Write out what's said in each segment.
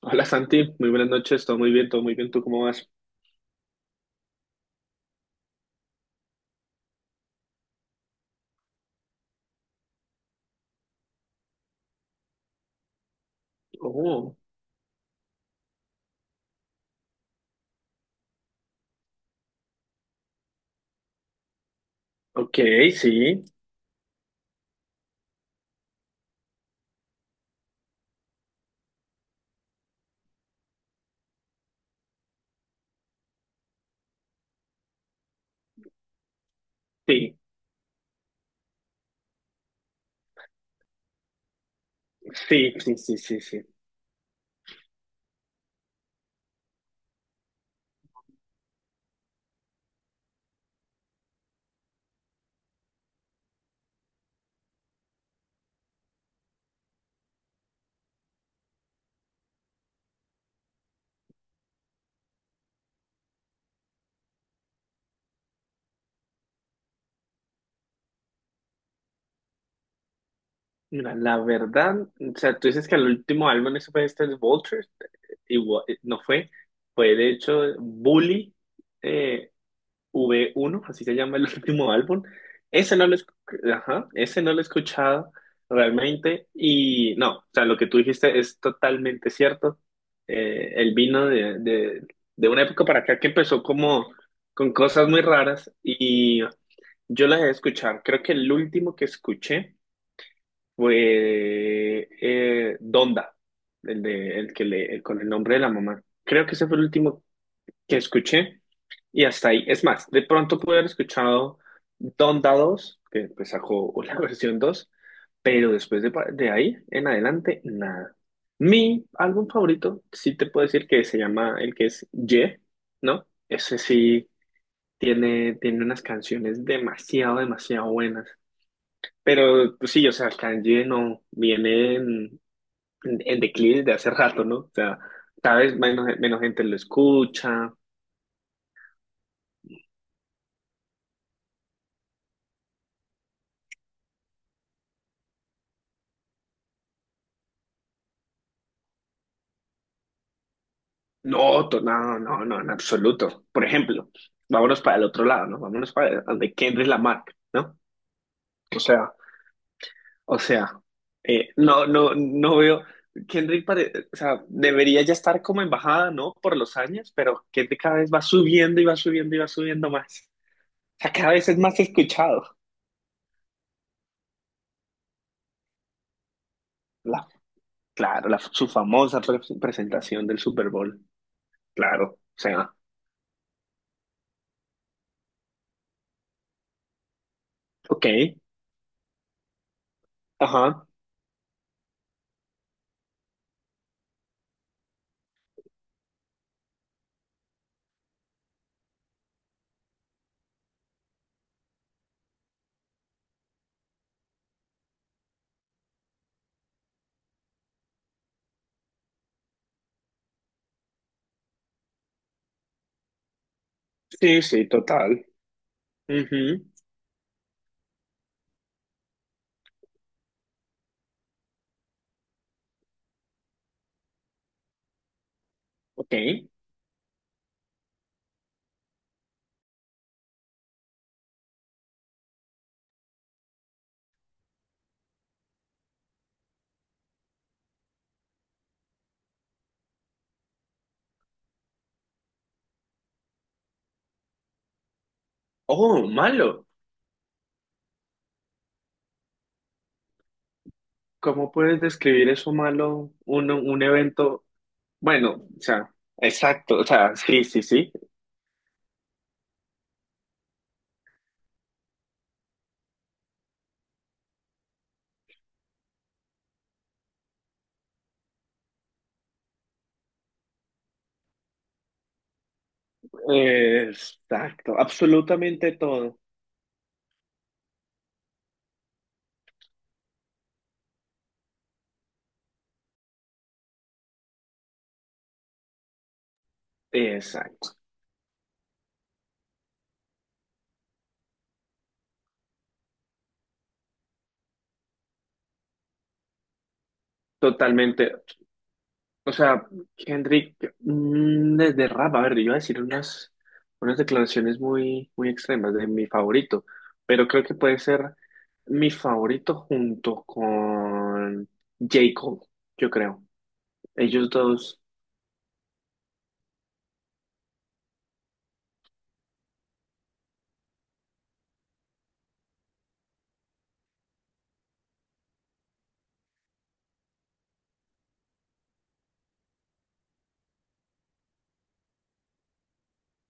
Hola Santi, muy buenas noches, todo muy bien, ¿tú cómo vas? Oh, ok, sí, sí, sí, sí, sí, sí, sí. Mira, la verdad, o sea, tú dices que el último álbum ese fue este de Vultures, igual, no fue, fue de hecho Bully, eh, V1, así se llama el último álbum. Ese no lo, esc- Ajá, ese no lo he escuchado realmente y no, o sea, lo que tú dijiste es totalmente cierto. El vino de una época para acá que empezó como con cosas muy raras y yo las he escuchado. Creo que el último que escuché fue Donda, el, de, el, que le, el con el nombre de la mamá. Creo que ese fue el último que escuché y hasta ahí. Es más, de pronto pude haber escuchado Donda 2, que, pues, sacó la versión dos, pero después de ahí en adelante, nada. Mi álbum favorito, sí te puedo decir que se llama el que es Ye, ¿no? Ese sí tiene unas canciones demasiado, demasiado buenas. Pero pues, sí, o sea, Kanye no viene en declive de hace rato, ¿no? O sea, cada vez menos gente lo escucha. No, no, no, no, en absoluto. Por ejemplo, vámonos para el otro lado, ¿no? Vámonos para el de Kendrick Lamar, ¿no? O sea, o sea, no, no, no veo. O sea, debería ya estar como en bajada, ¿no? Por los años, pero Kendrick cada vez va subiendo y va subiendo y va subiendo más. O sea, cada vez es más escuchado. La, claro, su famosa presentación del Super Bowl. Claro, o sea, ok, ajá, sí, sí, total. Ujú, ok. Oh, malo. ¿Cómo puedes describir eso malo, un evento? Bueno, o sea, exacto, o sea, sí, sí, sí, exacto, absolutamente todo, exacto, totalmente, o sea, Henry, desde rap, a ver, yo iba a decir unas declaraciones muy, muy extremas de mi favorito, pero creo que puede ser mi favorito junto con J. Cole, yo creo, ellos dos,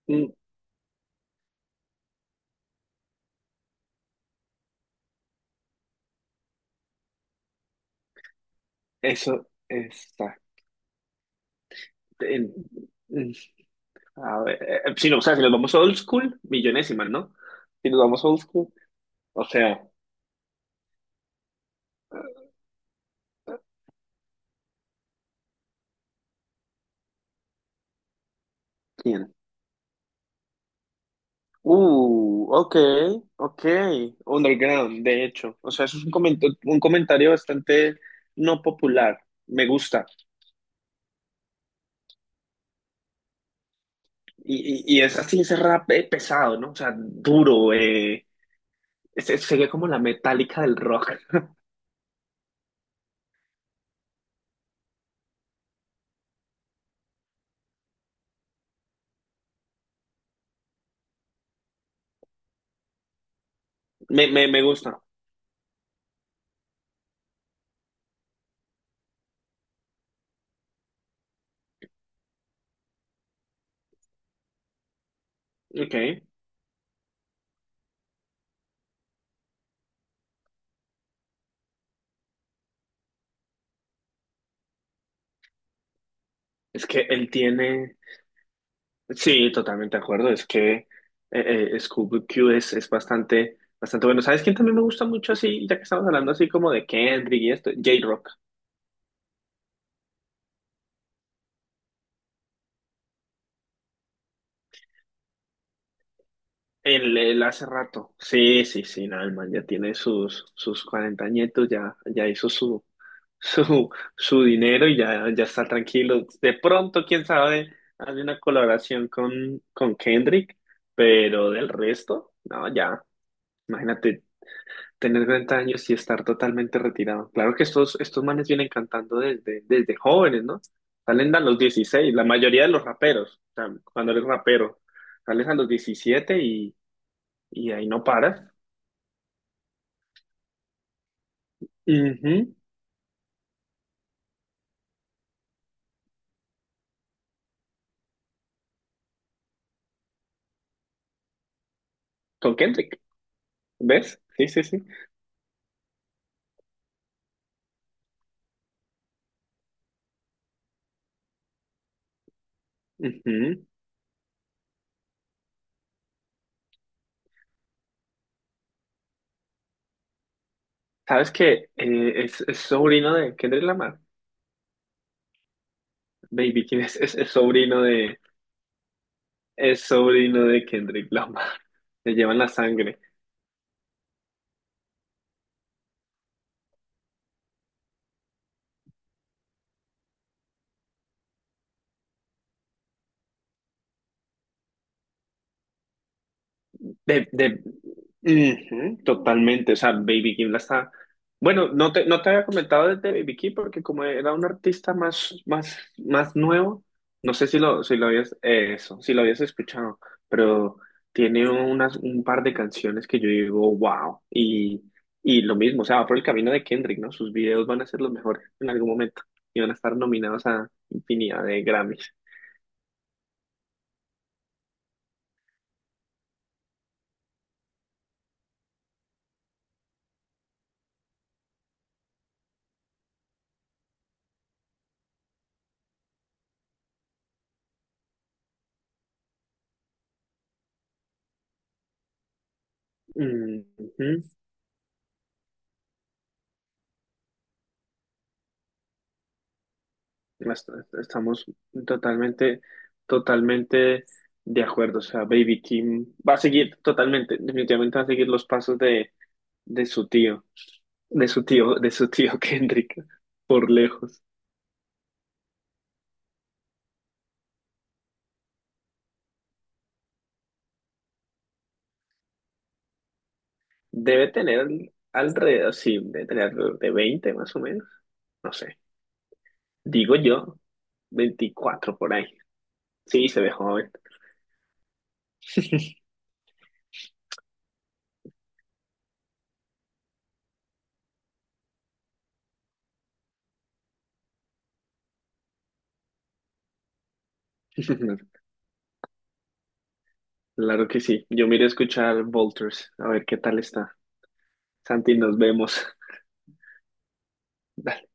mm, eso, en- a ver, si no, o sea, si nos vamos old school, millonésimas, ¿no? Si nos vamos old school, o sea, ¿quién? Ok, ok, underground, de hecho. O sea, eso es un comentario bastante no popular. Me gusta. Y es así, ese rap pesado, ¿no? O sea, duro. Se ve como la metálica del rock. Me gusta. Ok. Es que él tiene. Sí, totalmente de acuerdo. Es que Scooby-Q es bastante, bastante bueno. ¿Sabes quién también me gusta mucho así? Ya que estamos hablando así como de Kendrick y esto, J-Rock. Él hace rato. Sí, sí, sí, nada, el man ya tiene sus 40 añitos, ya hizo su, su, su dinero y ya está tranquilo. De pronto, quién sabe, hace una colaboración con Kendrick, pero del resto, no, ya, imagínate tener 40 años y estar totalmente retirado. Claro que estos manes vienen cantando desde jóvenes, ¿no? Salen a los 16, la mayoría de los raperos, o sea, cuando eres rapero, sales a los 17 y ahí no paras. Ujú. Con Kendrick, ¿ves? Sí, sí, sí. Ujú. ¿Sabes que es sobrino de Kendrick Lamar? Baby, ¿quién es? Es sobrino de Kendrick Lamar. Le llevan la sangre. De, de- Ujú, totalmente, o sea, Baby Kim la está... Bueno, no te había comentado desde Baby Kim porque como era un artista más nuevo, no sé si lo habías, eso, si lo habías escuchado, pero tiene un par de canciones que yo digo, wow, y lo mismo, o sea, va por el camino de Kendrick, ¿no? Sus videos van a ser los mejores en algún momento y van a estar nominados a infinidad de Grammys. Ujú. Est- Estamos totalmente, totalmente de acuerdo. O sea, Baby Kim va a seguir totalmente, definitivamente va a seguir los pasos de su tío, de su tío Kendrick, por lejos. Debe tener sí, debe tener alrededor de 20 más o menos. No sé, digo yo, 24 por ahí. Sí, se ve joven. Claro que sí. Yo me iré a escuchar Volters, a ver qué tal está. Santi, nos vemos.